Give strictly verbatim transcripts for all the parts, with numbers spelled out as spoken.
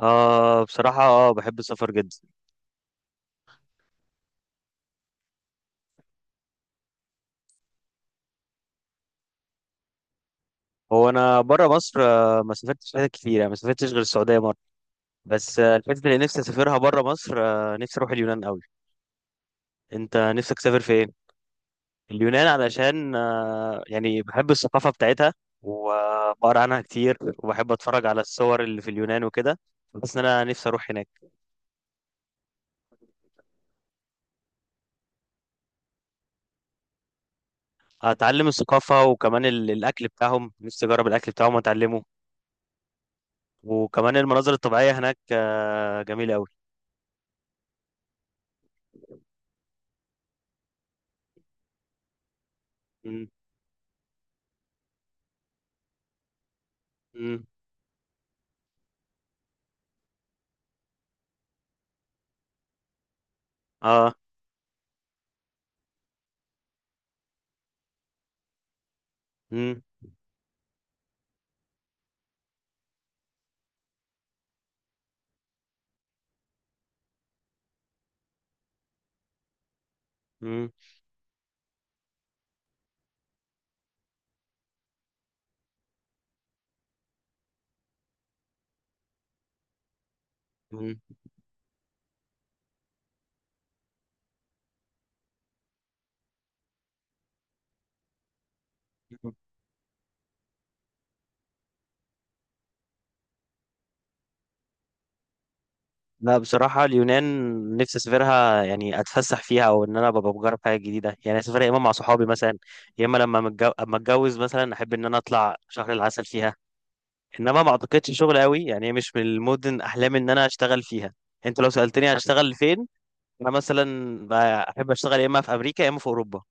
آه بصراحة اه بحب السفر جدا. هو أنا برا مصر، آه ما سافرتش حتت كتير، يعني ما سافرتش غير السعودية مرة. بس آه الحتت اللي نفسي أسافرها برا مصر، آه نفسي أروح اليونان أوي. أنت نفسك تسافر فين؟ اليونان علشان آه يعني بحب الثقافة بتاعتها، وبقرا عنها كتير، وبحب أتفرج على الصور اللي في اليونان وكده. بس أنا نفسي أروح هناك، أتعلم الثقافة، وكمان ال- الأكل بتاعهم، نفسي أجرب الأكل بتاعهم وأتعلمه. وكمان المناظر الطبيعية هناك آه جميلة أوي. م- م- اه. مم. مم. لا بصراحة اليونان نفسي أسافرها، يعني أتفسح فيها، أو إن أنا ببقى بجرب حاجة جديدة. يعني أسافرها يا إما مع صحابي مثلا، يا إما لما متجو... أما أتجوز مثلا، أحب إن أنا أطلع شهر العسل فيها. إنما ما أعتقدش شغل قوي، يعني هي مش من المدن أحلامي إن أنا أشتغل فيها. أنت لو سألتني هشتغل فين، أنا مثلا بقى أحب أشتغل يا إما في أمريكا، يا إما في أوروبا.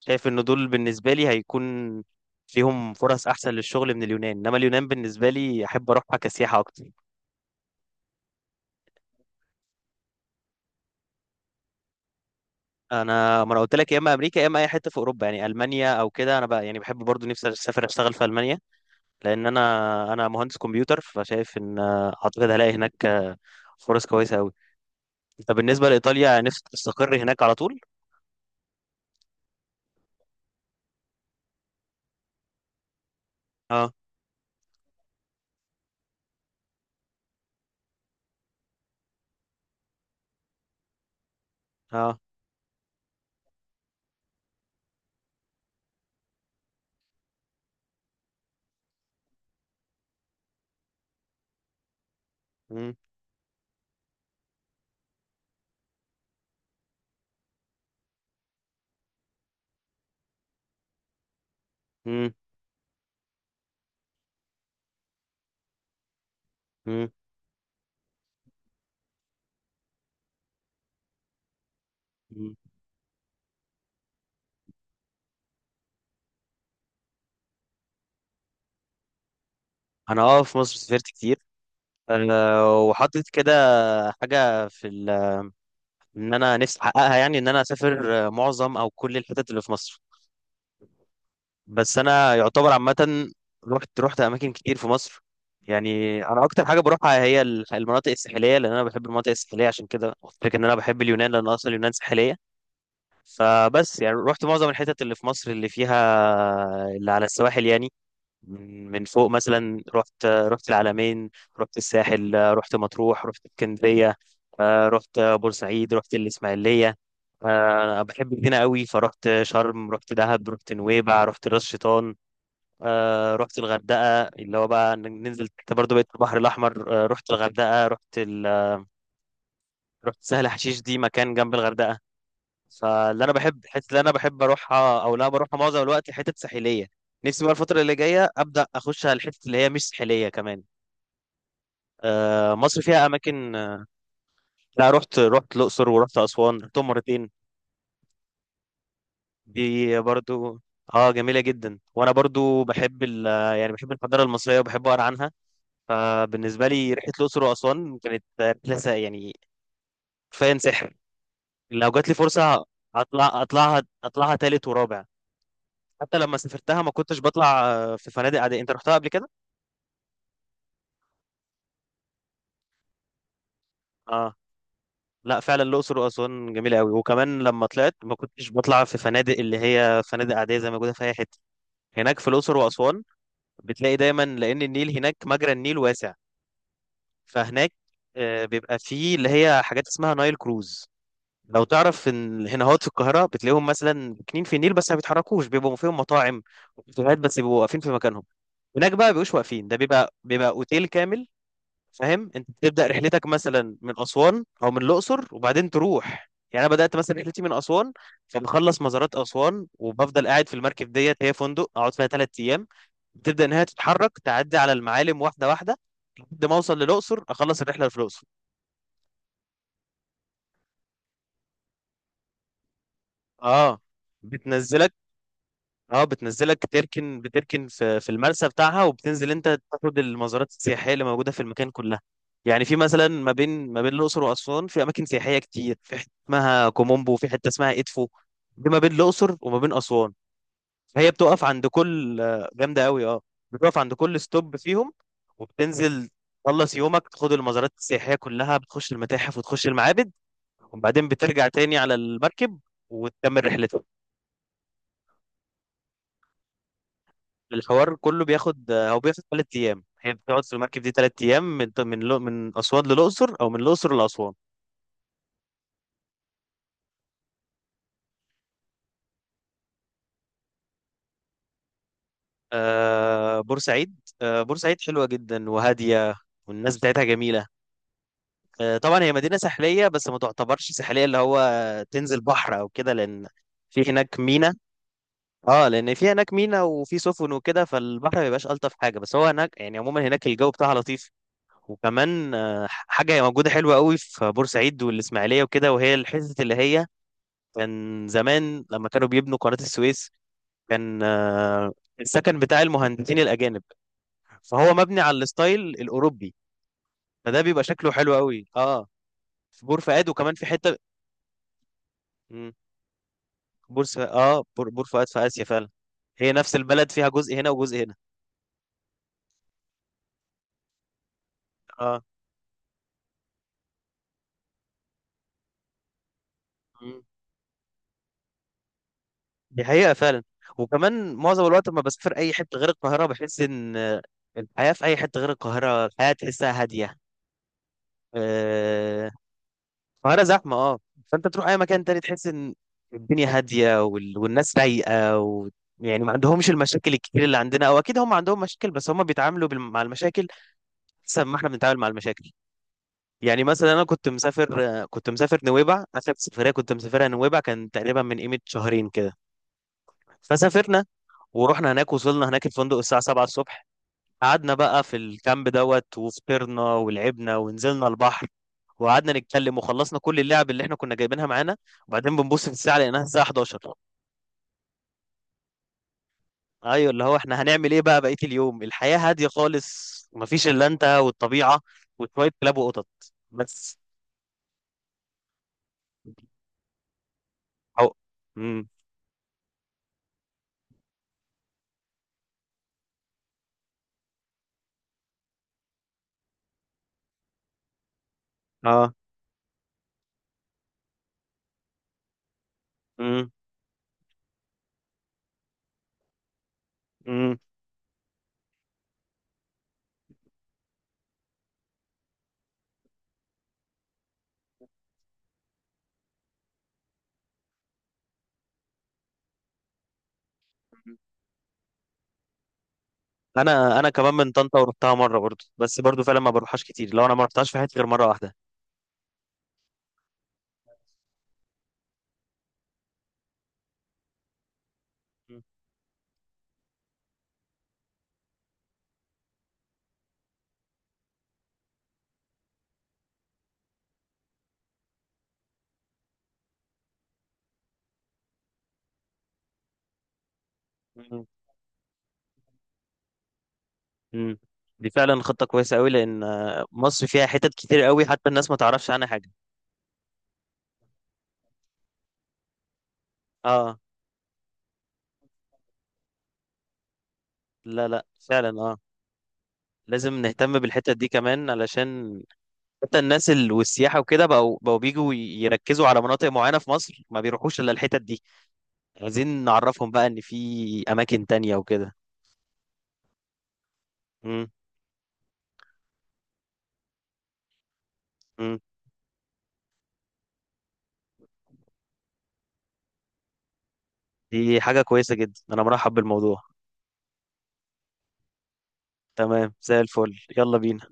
شايف إن دول بالنسبة لي هيكون فيهم فرص أحسن للشغل من اليونان. إنما اليونان بالنسبة لي أحب أروحها كسياحة أكتر. انا ما انا قلت لك يا اما امريكا يا اما اي حته في اوروبا، يعني المانيا او كده. انا بقى يعني بحب برضو، نفسي اسافر اشتغل في المانيا، لان انا، انا مهندس كمبيوتر. فشايف ان آه، اعتقد هلاقي هناك آه، فرص كويسه قوي. طب بالنسبه لايطاليا نفسك تستقر هناك على طول؟ اه. اه. مم. مم. مم. مم. انا اه في مصر سافرت كتير. آه، وحاطط كده حاجه في ال- ان انا نفسي احققها، يعني ان انا اسافر آه، معظم او كل الحتت اللي في مصر. بس انا يعتبر عامه رحت رحت اماكن كتير في مصر. يعني انا اكتر حاجه بروحها هي ال- المناطق الساحليه، لان انا بحب المناطق الساحليه. عشان كده قلت لك ان انا بحب اليونان، لان اصلا اليونان ساحليه. فبس يعني رحت معظم الحتت اللي في مصر اللي فيها اللي على السواحل يعني. من من فوق مثلا رحت رحت العلمين، رحت الساحل، رحت مطروح، رحت اسكندريه، آه، رحت بورسعيد، رحت الاسماعيليه. آه، انا بحب هنا قوي. فرحت شرم، رحت دهب، رحت نويبع، رحت راس شيطان. آه رحت الغردقة، اللي هو بقى ن- ننزل انت برضه بقيت البحر الأحمر. آه رحت الغردقة، رحت ال... رحت سهل حشيش، دي مكان جنب الغردقة. فاللي أنا بحب الحتة اللي أنا بحب أروحها أو لا بروحها معظم الوقت حتت ساحلية. نفسي بقى الفترة اللي جاية أبدأ أخش على الحتت اللي هي مش ساحلية كمان. آه مصر فيها أماكن آه، لا رحت، رحت الأقصر ورحت أسوان، رحتهم مرتين. دي برضو اه جميلة جدا. وأنا برضو بحب ال... يعني بحب الحضارة المصرية وبحب أقرأ عنها. فبالنسبة لي رحلة الأقصر وأسوان كانت رحلة س- يعني كفاية سحر. لو جات لي فرصة أطلع، أطلعها أطلعها تالت ورابع. حتى لما سافرتها ما كنتش بطلع آه، في فنادق عادية. أنت رحتها قبل كده؟ آه، لا فعلا الأقصر وأسوان جميلة قوي. وكمان لما طلعت ما كنتش بطلع في فنادق اللي هي فنادق عادية زي ما موجودة في أي حتة. هناك في الأقصر وأسوان بتلاقي دايما، لأن النيل هناك مجرى النيل واسع. فهناك آه، بيبقى فيه اللي هي حاجات اسمها نايل كروز. لو تعرف ان الهنهات في القاهره بتلاقيهم مثلا كنين في النيل بس ما بيتحركوش، بيبقوا فيهم مطاعم وكافيهات، بس بيبقوا واقفين في مكانهم. هناك بقى بيبقوش واقفين، ده بيبقى بيبقى اوتيل كامل. فاهم، انت بتبدا رحلتك مثلا من اسوان او من الاقصر، وبعدين تروح. يعني انا بدات مثلا رحلتي من اسوان، فبخلص مزارات اسوان وبفضل قاعد في المركب ديت. هي فندق اقعد فيها ثلاث ايام. بتبدا ان هي تتحرك تعدي على المعالم واحده واحده لحد ما اوصل للاقصر، اخلص الرحله اللي في الاقصر. اه بتنزلك. اه بتنزلك تركن، بتركن في في المرسى بتاعها، وبتنزل انت تاخد المزارات السياحيه اللي موجوده في المكان كلها. يعني في مثلا ما بين ما بين الاقصر واسوان في اماكن سياحيه كتير. في حته اسمها كومومبو، وفي حته اسمها ادفو، دي ما بين الاقصر وما بين اسوان. فهي بتقف عند كل آه، جامده قوي اه، بتقف عند كل ستوب فيهم، وبتنزل، تخلص يومك تاخد المزارات السياحيه كلها، بتخش المتاحف وتخش المعابد، وبعدين بترجع تاني على المركب وتكمل رحلتك. الحوار كله بياخد، هو بياخد ثلاث ايام. هي بتقعد في المركب دي ثلاث ايام، من من لو- من اسوان للاقصر، او من الاقصر لاسوان. آه بورسعيد، آه بورسعيد حلوه جدا وهاديه، والناس بتاعتها جميله. آه، طبعا هي مدينه ساحليه بس ما تعتبرش ساحليه، اللي هو تنزل بحر او كده، لان في هناك مينا. اه، لان في هناك مينا وفي سفن وكده، فالبحر ما بيبقاش الطف حاجه. بس هو هناك يعني عموما هناك الجو بتاعها لطيف. وكمان آه، حاجه موجوده حلوه قوي في بورسعيد والاسماعيليه وكده، وهي الحته اللي هي كان زمان لما كانوا بيبنوا قناة السويس، كان آه، السكن بتاع المهندسين الأجانب، فهو مبني على الستايل الأوروبي، فده بيبقى شكله حلو قوي اه. في بور فؤاد، وكمان في حتة، مم، بور س- اه بور, بور فؤاد في آسيا فعلا. هي نفس البلد فيها جزء هنا وجزء هنا. اه. مم. دي حقيقة فعلا. وكمان معظم الوقت لما بسافر أي حتة غير القاهرة بحس إن آه، الحياة في أي حتة غير القاهرة، الحياة تحسها هادية. آه. القاهرة زحمة اه. فانت تروح اي مكان تاني تحس ان الدنيا هادية وال... والناس رايقة و... يعني ما عندهمش المشاكل الكتير اللي عندنا، او اكيد هم عندهم مشاكل بس هم بيتعاملوا بال... مع المشاكل احسن ما احنا بنتعامل مع المشاكل. يعني مثلا انا كنت مسافر آه، كنت مسافر نويبع، اخر سفرية كنت مسافرها نويبع كان تقريبا من قيمة شهرين كده. فسافرنا ورحنا هناك، وصلنا هناك الفندق الساعة سبعة الصبح. قعدنا بقى في الكامب دوت، وفطرنا ولعبنا ونزلنا البحر وقعدنا نتكلم، وخلصنا كل اللعب اللي احنا كنا جايبينها معانا. وبعدين بنبص في الساعة لقيناها الساعة حداشر. ايوه، اللي هو احنا هنعمل ايه بقى بقية اليوم؟ الحياة هادية خالص، مفيش الا انت والطبيعة وشوية كلاب وقطط بس. أو... مم. اه. مم. مم. انا انا كمان من طنطا ورحتها مرة برضو، بس برضو فعلا ما بروحهاش كتير. لو انا ما رحتهاش في حياتي غير مرة واحدة. مم. مم. دي فعلا خطة كويسة قوي، لأن آه، مصر فيها حتت كتير قوي حتى الناس ما تعرفش عنها حاجة. اه. لا لا، فعلا اه، لازم نهتم بالحتت دي كمان، علشان حتى الناس ال... والسياحة وكده بقوا بقوا بيجوا يركزوا على مناطق معينة في مصر، ما بيروحوش إلا الحتت دي. عايزين نعرفهم بقى إن في أماكن تانية وكده. مم. مم. دي حاجة كويسة جدا، أنا مرحب بالموضوع. تمام زي الفل. يلا بينا.